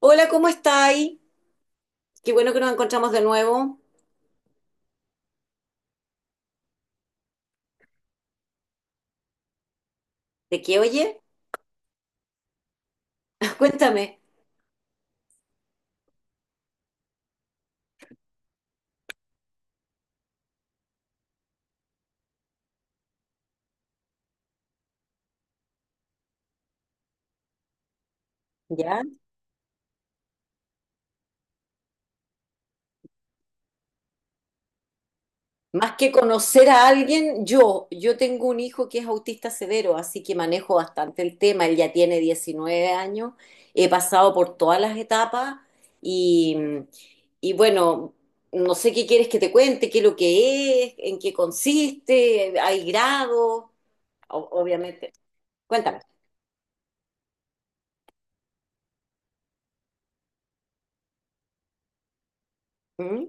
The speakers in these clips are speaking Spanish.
Hola, ¿cómo estáis? Qué bueno que nos encontramos de nuevo. ¿De qué, oye? Cuéntame. ¿Ya? Más que conocer a alguien, yo tengo un hijo que es autista severo, así que manejo bastante el tema. Él ya tiene 19 años, he pasado por todas las etapas y, y bueno, no sé qué quieres que te cuente, qué es lo que es, en qué consiste, hay grados, obviamente. Cuéntame. ¿Mm?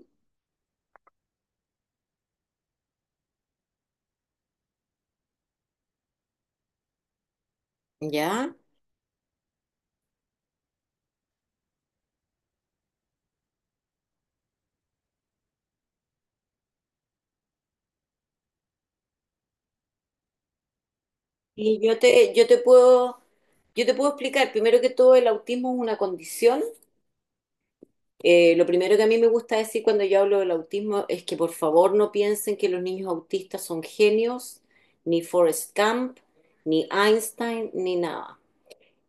¿Ya? Y yo te puedo explicar, primero que todo, el autismo es una condición. Lo primero que a mí me gusta decir cuando yo hablo del autismo es que por favor no piensen que los niños autistas son genios, ni Forrest Gump, ni Einstein, ni nada.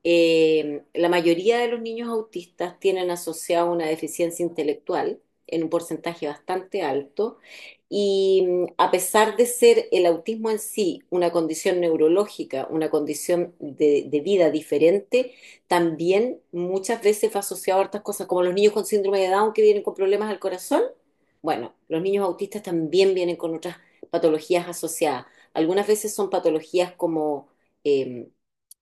La mayoría de los niños autistas tienen asociado una deficiencia intelectual en un porcentaje bastante alto y a pesar de ser el autismo en sí una condición neurológica, una condición de vida diferente, también muchas veces fue asociado a otras cosas, como los niños con síndrome de Down que vienen con problemas al corazón. Bueno, los niños autistas también vienen con otras patologías asociadas. Algunas veces son patologías como em,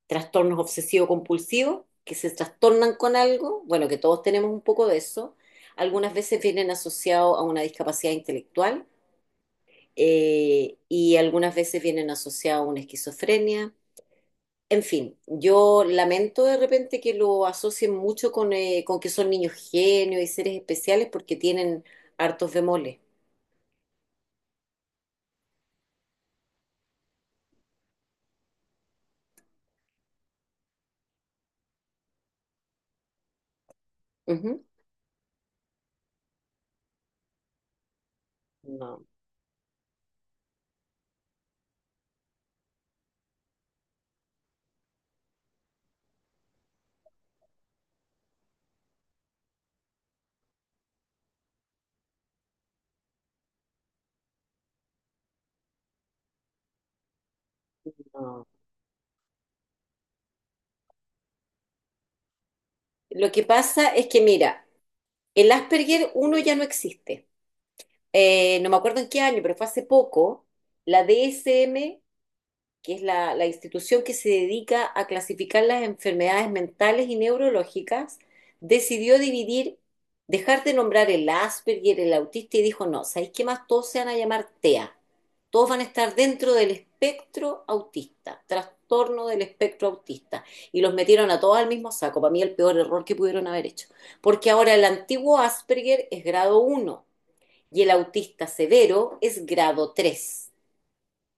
trastornos obsesivo-compulsivos, que se trastornan con algo, bueno, que todos tenemos un poco de eso. Algunas veces vienen asociados a una discapacidad intelectual y algunas veces vienen asociados a una esquizofrenia. En fin, yo lamento de repente que lo asocien mucho con que son niños genios y seres especiales porque tienen hartos bemoles. Ujú. No, no. Lo que pasa es que, mira, el Asperger uno ya no existe. No me acuerdo en qué año, pero fue hace poco, la DSM, que es la institución que se dedica a clasificar las enfermedades mentales y neurológicas, decidió dividir, dejar de nombrar el Asperger, el autista, y dijo, no, ¿sabéis qué más? Todos se van a llamar TEA. Todos van a estar dentro del espectro autista, trastorno del espectro autista. Y los metieron a todos al mismo saco. Para mí el peor error que pudieron haber hecho. Porque ahora el antiguo Asperger es grado uno y el autista severo es grado tres.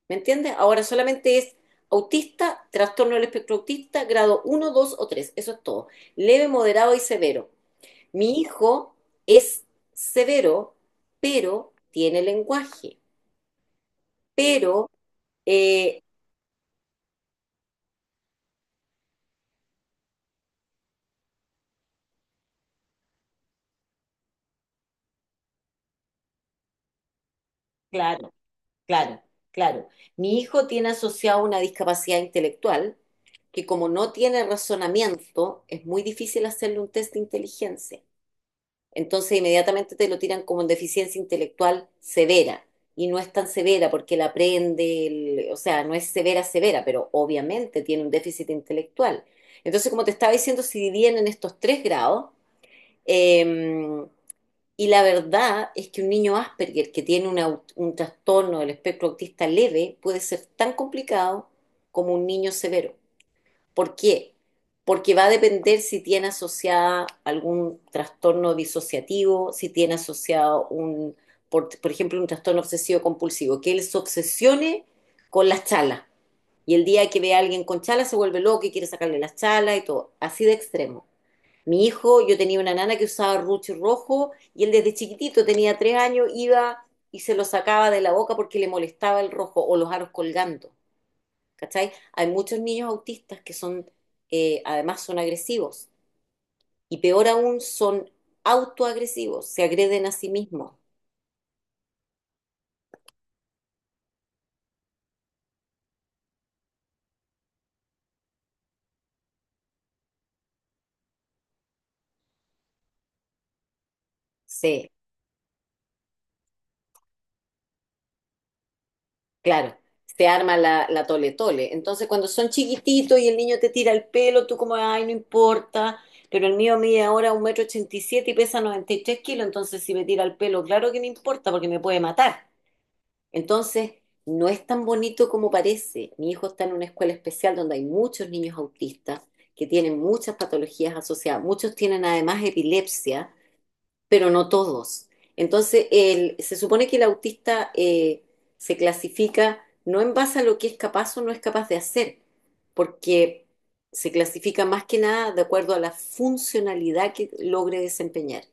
¿Me entiendes? Ahora solamente es autista, trastorno del espectro autista, grado uno, 2 o tres. Eso es todo. Leve, moderado y severo. Mi hijo es severo, pero tiene lenguaje. Pero eh, claro, claro, claro. Mi hijo tiene asociado una discapacidad intelectual que como no tiene razonamiento, es muy difícil hacerle un test de inteligencia. Entonces inmediatamente te lo tiran como en deficiencia intelectual severa. Y no es tan severa porque la aprende, o sea, no es severa, severa, pero obviamente tiene un déficit intelectual. Entonces, como te estaba diciendo, se dividían en estos tres grados. eh, y la verdad es que un niño Asperger que tiene una un trastorno del espectro autista leve puede ser tan complicado como un niño severo. ¿Por qué? Porque va a depender si tiene asociada algún trastorno disociativo, si tiene asociado un, por ejemplo, un trastorno obsesivo compulsivo, que él se obsesione con las chalas. Y el día que ve a alguien con chalas se vuelve loco y quiere sacarle las chalas y todo. Así de extremo. Mi hijo, yo tenía una nana que usaba ruche rojo y él desde chiquitito, tenía 3 años, iba y se lo sacaba de la boca porque le molestaba el rojo o los aros colgando. ¿Cachai? Hay muchos niños autistas que son, además son agresivos y peor aún son autoagresivos, se agreden a sí mismos. Sí, claro, se arma la tole tole. Entonces cuando son chiquititos y el niño te tira el pelo, tú como, ay, no importa, pero el mío mide ahora un metro ochenta y siete y pesa 93 kilos, entonces si me tira el pelo, claro que me importa porque me puede matar. Entonces, no es tan bonito como parece. Mi hijo está en una escuela especial donde hay muchos niños autistas que tienen muchas patologías asociadas. Muchos tienen además epilepsia, pero no todos. Entonces, se supone que el autista se clasifica no en base a lo que es capaz o no es capaz de hacer, porque se clasifica más que nada de acuerdo a la funcionalidad que logre desempeñar.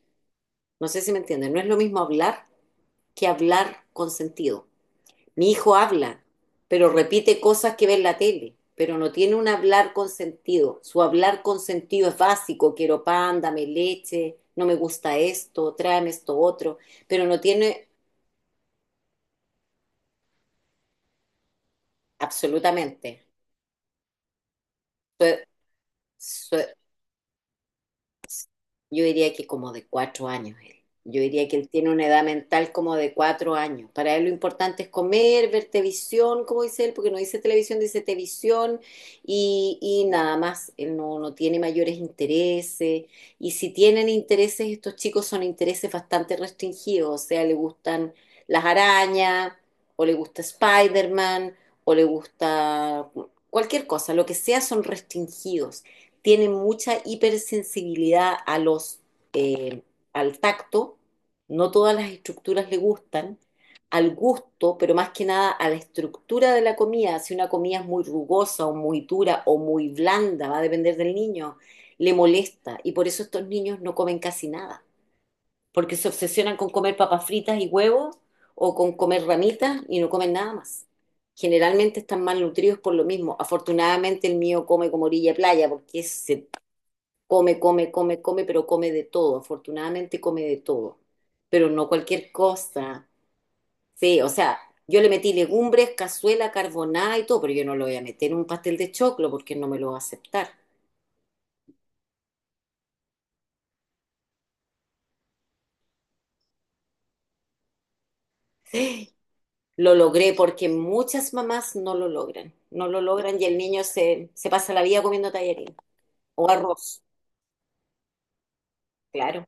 No sé si me entienden, no es lo mismo hablar que hablar con sentido. Mi hijo habla, pero repite cosas que ve en la tele, pero no tiene un hablar con sentido. Su hablar con sentido es básico, quiero pan, dame leche, no me gusta esto, tráeme esto otro, pero no tiene absolutamente. Su- su- Yo diría que como de 4 años él. Yo diría que él tiene una edad mental como de 4 años. Para él lo importante es comer, ver televisión, como dice él, porque no dice televisión, dice televisión y nada más. Él no, no tiene mayores intereses. Y si tienen intereses, estos chicos son intereses bastante restringidos. O sea, le gustan las arañas, o le gusta Spider-Man, o le gusta cualquier cosa. Lo que sea son restringidos tienen mucha hipersensibilidad a los, eh, al tacto, no todas las estructuras le gustan, al gusto, pero más que nada a la estructura de la comida. Si una comida es muy rugosa o muy dura o muy blanda, va a depender del niño, le molesta. Y por eso estos niños no comen casi nada, porque se obsesionan con comer papas fritas y huevos o con comer ramitas y no comen nada más. Generalmente están malnutridos por lo mismo. Afortunadamente el mío come como orilla de playa porque se come, come, come, come, pero come de todo. Afortunadamente come de todo, pero no cualquier cosa. Sí, o sea, yo le metí legumbres, cazuela, carbonada y todo, pero yo no lo voy a meter en un pastel de choclo porque no me lo va a aceptar. Lo logré porque muchas mamás no lo logran, no lo logran y el niño se pasa la vida comiendo tallarín o arroz, claro.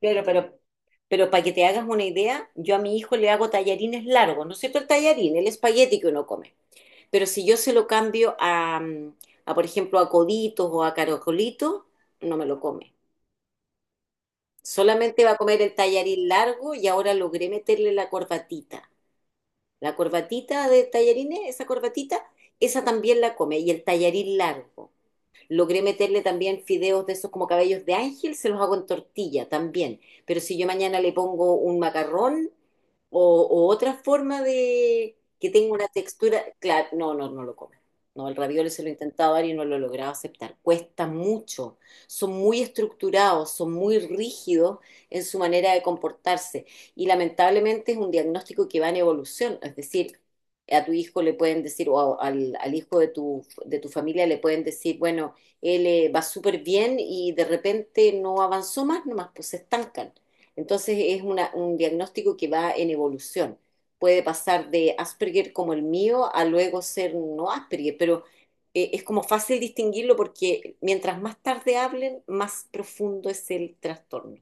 Claro, pero para que te hagas una idea, yo a mi hijo le hago tallarines largos, ¿no es cierto? El tallarín, el espagueti que uno come. Pero si yo se lo cambio a, por ejemplo, a coditos o a caracolitos, no me lo come. Solamente va a comer el tallarín largo y ahora logré meterle la corbatita. La corbatita de tallarines, esa corbatita, esa también la come. Y el tallarín largo. Logré meterle también fideos de esos como cabellos de ángel, se los hago en tortilla también. Pero si yo mañana le pongo un macarrón, o, o otra forma de que tenga una textura, claro, no, no, no lo comen. No, el ravioli se lo he intentado dar y no lo he logrado aceptar. Cuesta mucho. Son muy estructurados, son muy rígidos en su manera de comportarse. Y lamentablemente es un diagnóstico que va en evolución. Es decir, a tu hijo le pueden decir, o al hijo de tu familia le pueden decir, bueno, él va súper bien y de repente no avanzó más, nomás pues se estancan. Entonces es un diagnóstico que va en evolución. Puede pasar de Asperger como el mío a luego ser no Asperger, pero es como fácil distinguirlo porque mientras más tarde hablen, más profundo es el trastorno.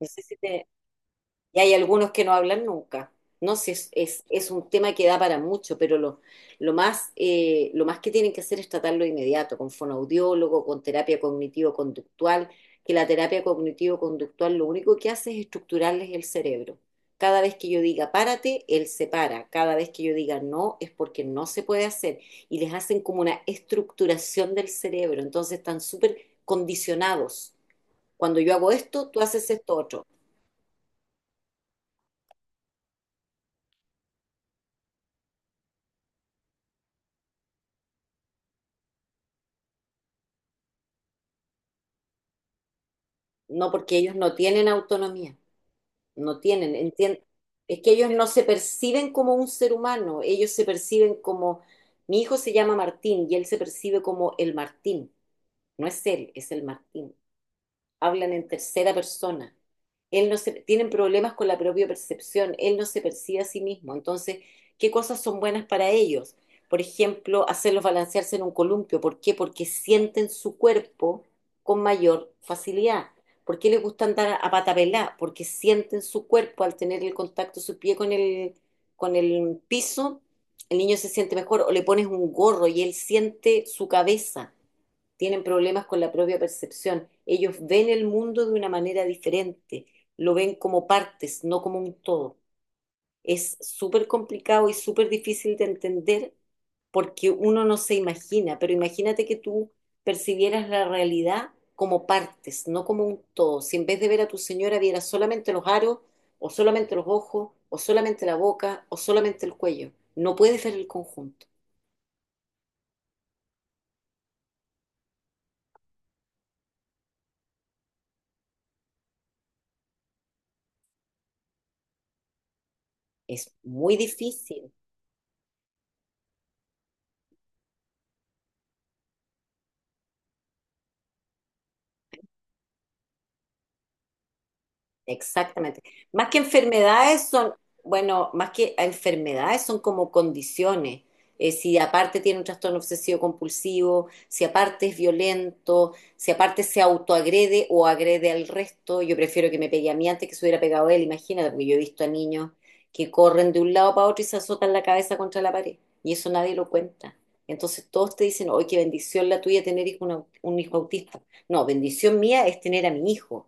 No sé si te, y hay algunos que no hablan nunca. No sé, es un tema que da para mucho, pero lo más que tienen que hacer es tratarlo de inmediato, con fonoaudiólogo, con terapia cognitivo-conductual, que la terapia cognitivo-conductual lo único que hace es estructurarles el cerebro. Cada vez que yo diga párate, él se para. Cada vez que yo diga no, es porque no se puede hacer. Y les hacen como una estructuración del cerebro. Entonces están súper condicionados. Cuando yo hago esto, tú haces esto otro. No, porque ellos no tienen autonomía, no tienen. Es que ellos no se perciben como un ser humano, ellos se perciben como, mi hijo se llama Martín y él se percibe como el Martín, no es él, es el Martín hablan en tercera persona. Él no se, tienen problemas con la propia percepción, él no se percibe a sí mismo. Entonces, ¿qué cosas son buenas para ellos? Por ejemplo, hacerlos balancearse en un columpio. ¿Por qué? Porque sienten su cuerpo con mayor facilidad. ¿Por qué les gusta andar a patapelá? Porque sienten su cuerpo al tener el contacto, de su pie con el piso, el niño se siente mejor o le pones un gorro y él siente su cabeza tienen problemas con la propia percepción. Ellos ven el mundo de una manera diferente, lo ven como partes, no como un todo. Es súper complicado y súper difícil de entender porque uno no se imagina, pero imagínate que tú percibieras la realidad como partes, no como un todo. Si en vez de ver a tu señora vieras solamente los aros, o solamente los ojos, o solamente la boca, o solamente el cuello, no puedes ver el conjunto. Es muy difícil. Exactamente. Más que enfermedades son, bueno, más que enfermedades son como condiciones. Si aparte tiene un trastorno obsesivo compulsivo, si aparte es violento, si aparte se autoagrede o agrede al resto, yo prefiero que me pegue a mí antes que se hubiera pegado a él, imagínate, porque yo he visto a niños que corren de un lado para otro y se azotan la cabeza contra la pared, y eso nadie lo cuenta. Entonces todos te dicen, oye, qué bendición la tuya tener un hijo autista. No, bendición mía es tener a mi hijo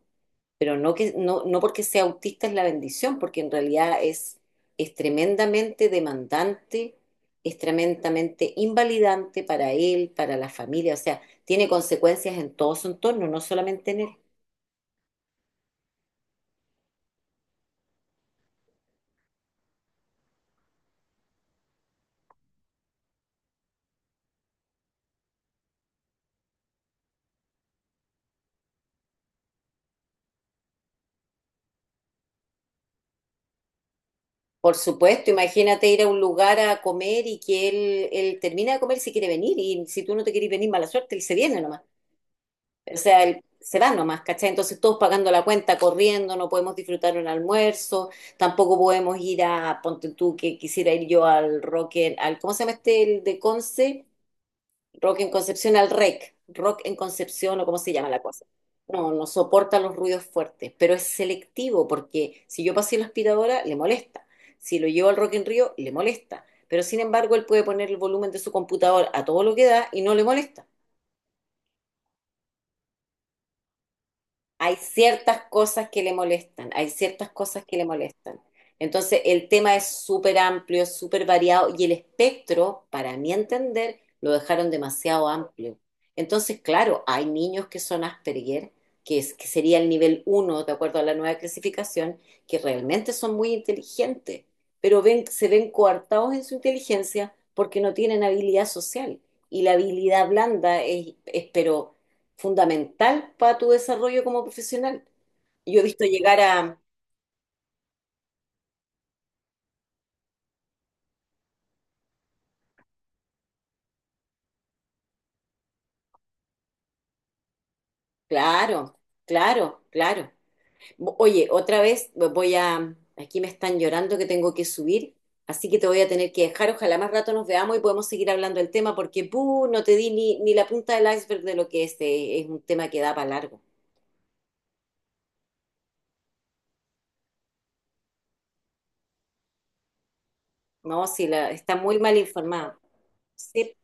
pero no que no, no porque sea autista es la bendición, porque en realidad es tremendamente demandante, es tremendamente invalidante para él, para la familia, o sea, tiene consecuencias en todo su entorno, no solamente en él. Por supuesto, imagínate ir a un lugar a comer y que él termina de comer si quiere venir, y si tú no te quieres venir, mala suerte, él se viene nomás. O sea, se van nomás, ¿cachai? Entonces todos pagando la cuenta, corriendo, no podemos disfrutar un almuerzo, tampoco podemos ir a, ponte tú que quisiera ir yo al rock, al, ¿cómo se llama este el de Conce? Rock en Concepción, al REC, rock en Concepción o cómo se llama la cosa. No, no soporta los ruidos fuertes, pero es selectivo porque si yo pasé la aspiradora, le molesta. Si lo llevo al Rock en Río, le molesta. Pero sin embargo, él puede poner el volumen de su computador a todo lo que da y no le molesta. Hay ciertas cosas que le molestan, hay ciertas cosas que le molestan. Entonces, el tema es súper amplio, es súper variado y el espectro, para mi entender, lo dejaron demasiado amplio. Entonces, claro, hay niños que son Asperger, que, es, que sería el nivel uno, de acuerdo a la nueva clasificación, que realmente son muy inteligentes, pero ven, se ven coartados en su inteligencia porque no tienen habilidad social. Y la habilidad blanda pero fundamental para tu desarrollo como profesional. Yo he visto llegar a, claro, claro, claro. Oye, otra vez voy a, aquí me están llorando que tengo que subir, así que te voy a tener que dejar. Ojalá más rato nos veamos y podemos seguir hablando del tema porque, puh, no te di ni la punta del iceberg de lo que es un tema que da para largo. No, si la, está muy mal informado. Sí,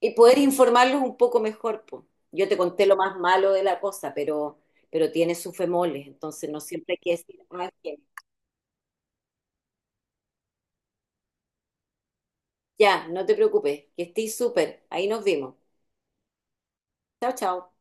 y poder informarlos un poco mejor. Po. Yo te conté lo más malo de la cosa, pero tiene sus femoles, entonces no siempre hay que decir, "Ah, bien". Ya, no te preocupes, que estés súper, ahí nos vimos. Chao, chao.